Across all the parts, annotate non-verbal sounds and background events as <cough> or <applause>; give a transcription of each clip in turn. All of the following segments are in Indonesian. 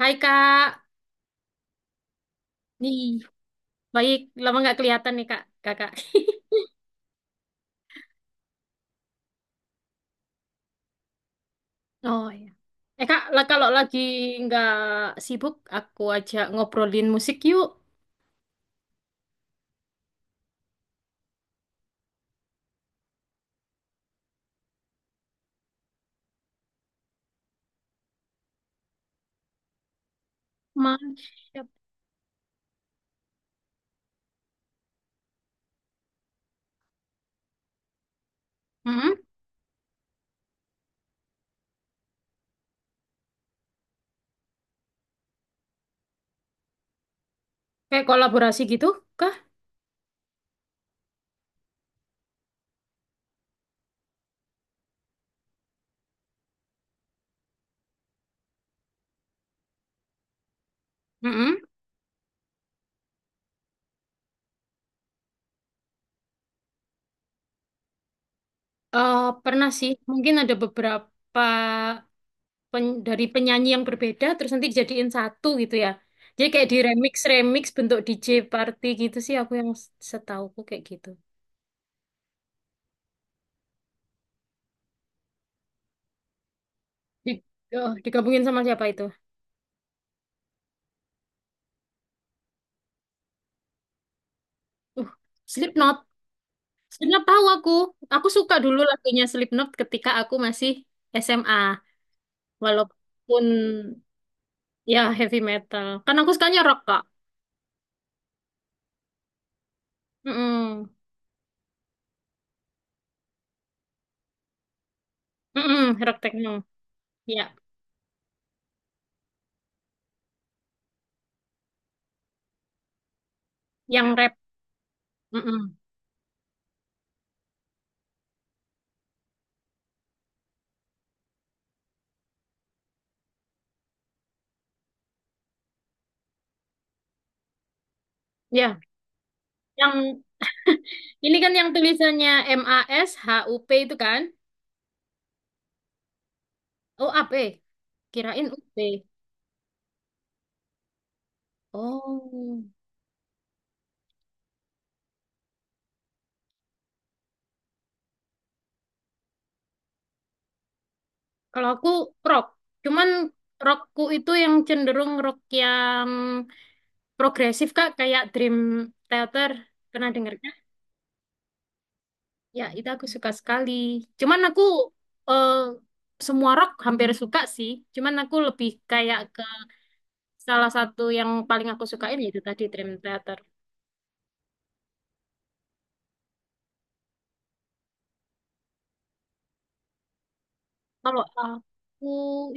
Hai Kak, nih baik lama nggak kelihatan nih Kak. <laughs> Oh iya. Eh Kak, lah kalau lagi nggak sibuk, aku ajak ngobrolin musik yuk. Masya. Mm-mm. Kayak kolaborasi gitu kah? Mm-mm. Eh, Pernah sih, mungkin ada beberapa dari penyanyi yang berbeda, terus nanti dijadiin satu gitu ya. Jadi kayak di remix, remix bentuk DJ party gitu sih, aku yang setauku kayak gitu. Di, oh, digabungin sama siapa itu? Uh, Slipknot. Slipknot tahu aku. Aku suka dulu lagunya Slipknot ketika aku masih SMA. Walaupun ya heavy metal. Kan aku sukanya rock, Kak. Mm-mm. Mm-mm, rock techno. Ya, yang rap. Mm-mm. Ya, yang ini kan yang tulisannya M A S H U P itu kan? Oh, A P, kirain U P. Oh. Kalau aku rock. Cuman rockku itu yang cenderung rock yang progresif, Kak, kayak Dream Theater. Pernah denger? Ya, itu aku suka sekali. Cuman aku eh, semua rock hampir suka sih. Cuman aku lebih kayak ke salah satu yang paling aku sukain yaitu tadi Dream Theater. Kalau aku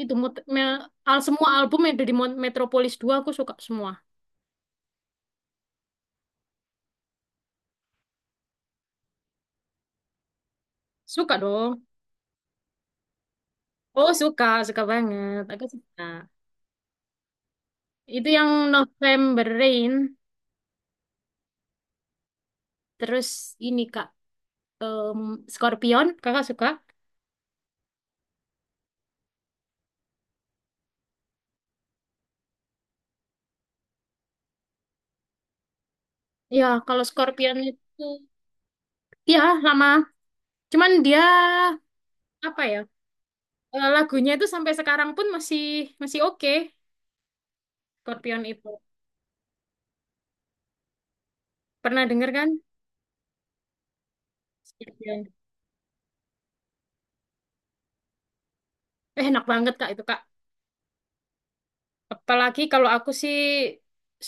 itu al semua album yang ada di Metropolis dua aku suka semua. Suka dong. Oh, suka, suka banget. Aku suka. Itu yang November Rain, terus ini Kak, em, Scorpion, Kakak suka? Ya, kalau Scorpion itu ya lama. Cuman dia apa ya, lagunya itu sampai sekarang pun masih masih oke Scorpion itu pernah denger kan Scorpion enak banget kak itu kak apalagi kalau aku sih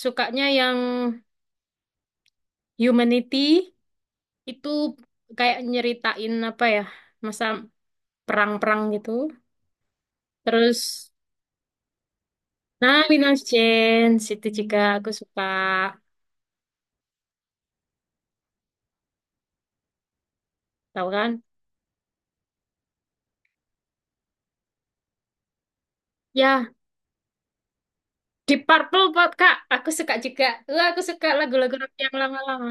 sukanya yang Humanity itu kayak nyeritain apa ya masa perang-perang gitu terus nah Winner's change itu juga aku suka tahu kan ya Deep Purple Pak, kak aku suka juga. Wah, aku suka lagu-lagu rock yang lama-lama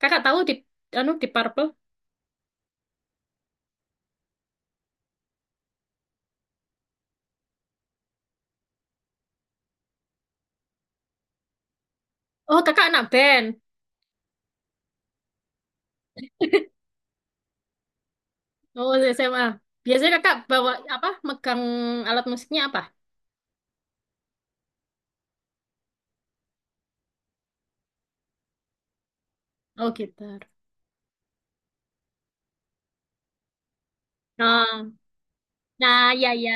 kakak tahu di anu Deep Purple. Oh, kakak anak band. Oh, SMA. Biasanya kakak bawa apa? Megang alat musiknya apa? Oh, gitar. Oh, nah, ya, ya.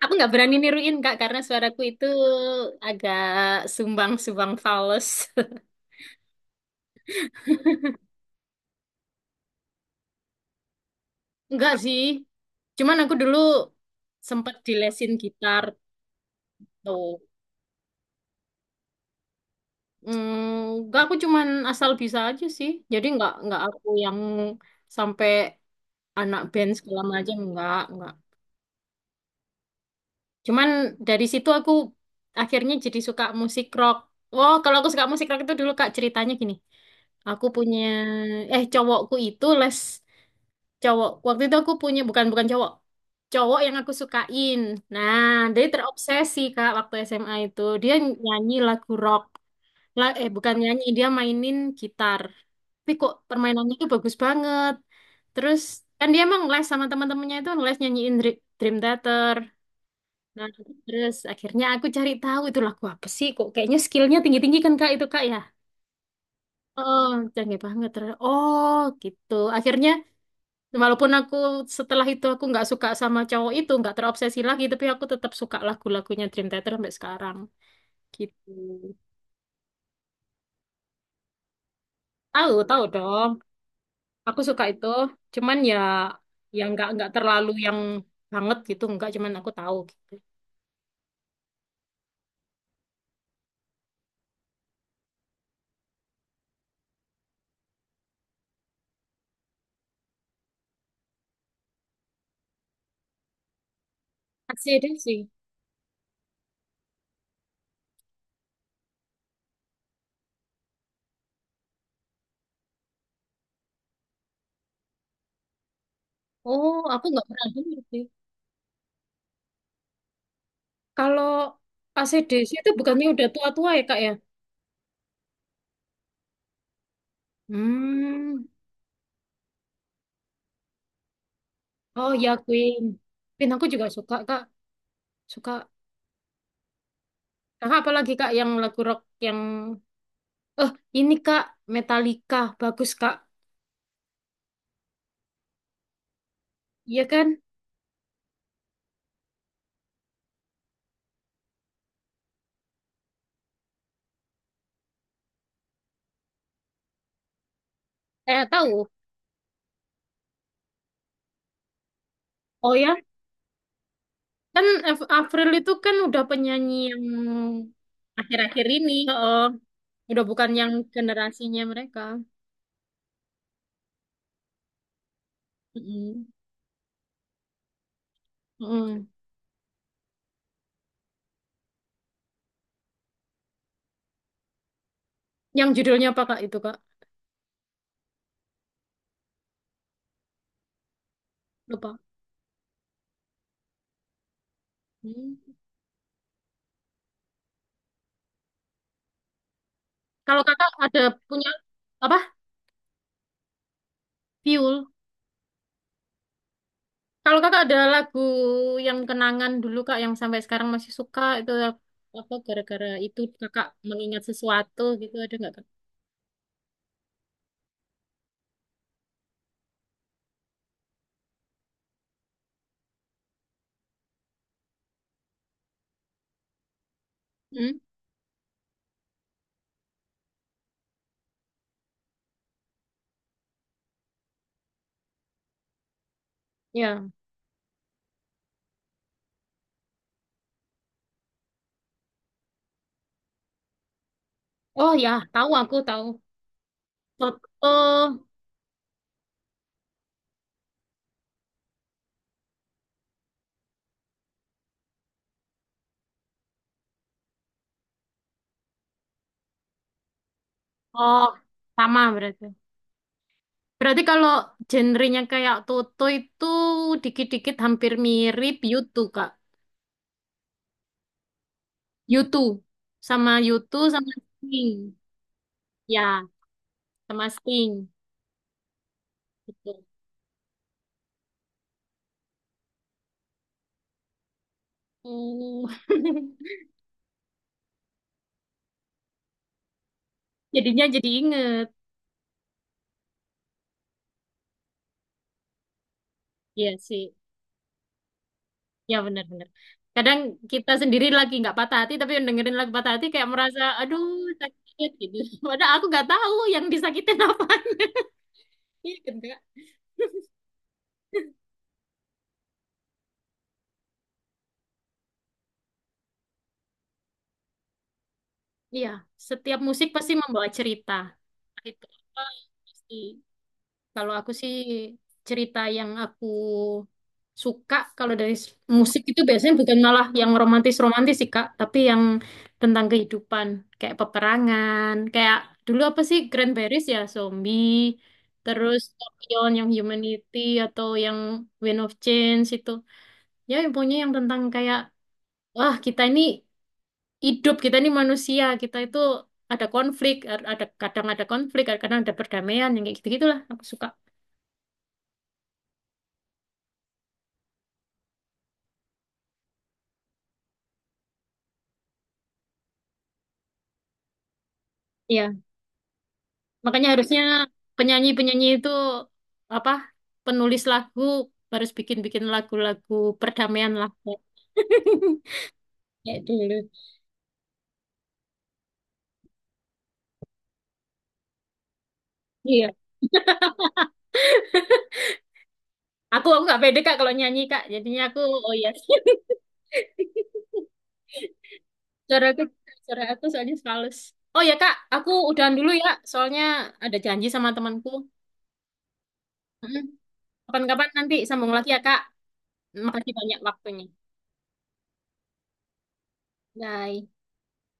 Aku nggak berani niruin, Kak, karena suaraku itu agak sumbang-sumbang fals. <laughs> Enggak sih. Cuman aku dulu sempat dilesin gitar tuh. Hmm, enggak, aku cuman asal bisa aja sih. Jadi nggak aku yang sampai anak band segala macam. Enggak, enggak. Cuman dari situ aku akhirnya jadi suka musik rock. Wow, kalau aku suka musik rock itu dulu Kak ceritanya gini. Aku punya cowokku itu les cowok. Waktu itu aku punya bukan bukan cowok. Cowok yang aku sukain. Nah, dia terobsesi Kak waktu SMA itu. Dia nyanyi lagu rock. La, eh bukan nyanyi, dia mainin gitar. Tapi kok permainannya itu bagus banget. Terus kan dia emang les sama teman-temannya itu les nyanyiin Dream Theater. Nah, terus akhirnya aku cari tahu itu lagu apa sih kok kayaknya skillnya tinggi-tinggi kan Kak itu Kak ya. Oh, canggih banget. Terus, oh, gitu. Akhirnya walaupun aku setelah itu aku nggak suka sama cowok itu, nggak terobsesi lagi, tapi aku tetap suka lagu-lagunya Dream Theater sampai sekarang. Gitu. Tahu, tahu dong. Aku suka itu. Cuman ya yang nggak terlalu yang banget gitu, nggak cuman aku tahu gitu. Kasih deh sih. Oh, aku nggak pernah denger sih. Kalau ACDC itu bukannya udah tua-tua ya, Kak ya? Hmm. Oh ya, Queen. Queen aku juga suka, Kak. Suka. Kakak apalagi, Kak, yang lagu rock yang... Eh, ini, Kak. Metallica. Bagus, Kak. Iya kan? Eh, tahu. Oh ya? Kan Avril itu kan udah penyanyi yang akhir-akhir ini. Oh, udah bukan yang generasinya mereka. Mm-mm. Mm-mm. Yang judulnya apa, Kak, itu, Kak? Lupa. Hmm. Kalau kakak ada punya... apa? Piul. Kalau kakak ada lagu yang kenangan dulu kak yang sampai sekarang masih suka itu apa gara-gara itu kakak mengingat sesuatu gitu ada nggak kak? Hmm? Ya. Oh ya, tahu aku tahu. Toto. Oh, sama berarti. Berarti kalau genrenya kayak Toto itu dikit-dikit hampir mirip YouTube kak. YouTube YouTube sama Sting. Ya, sama Sting. Gitu. Oh. <laughs> Jadinya jadi inget. Iya sih. Ya benar-benar. Kadang kita sendiri lagi nggak patah hati, tapi yang dengerin lagu patah hati kayak merasa, aduh sakit gitu. <laughs> Padahal aku nggak tahu yang disakitin apa. <laughs> Iya kan, Kak? Iya, setiap musik pasti membawa cerita. Itu apa? Pasti. Kalau aku sih cerita yang aku suka kalau dari musik itu biasanya bukan malah yang romantis-romantis sih Kak, tapi yang tentang kehidupan kayak peperangan, kayak dulu apa sih Cranberries ya zombie, terus Scorpion yang Humanity atau yang Wind of Change itu. Ya pokoknya yang tentang kayak wah kita ini hidup, kita ini manusia, kita itu ada konflik, ada kadang ada konflik, kadang ada perdamaian yang kayak gitu-gitulah aku suka. Makanya harusnya penyanyi-penyanyi itu apa penulis lagu harus bikin-bikin lagu-lagu perdamaian lah <laughs> kayak dulu. Iya. Aku nggak pede Kak kalau nyanyi Kak. Jadinya aku oh iya. <laughs> Suara aku suara aku soalnya halus. Oh ya Kak, aku udahan dulu ya. Soalnya ada janji sama temanku. mm Kapan-kapan nanti sambung lagi ya Kak. Makasih banyak waktunya. Bye.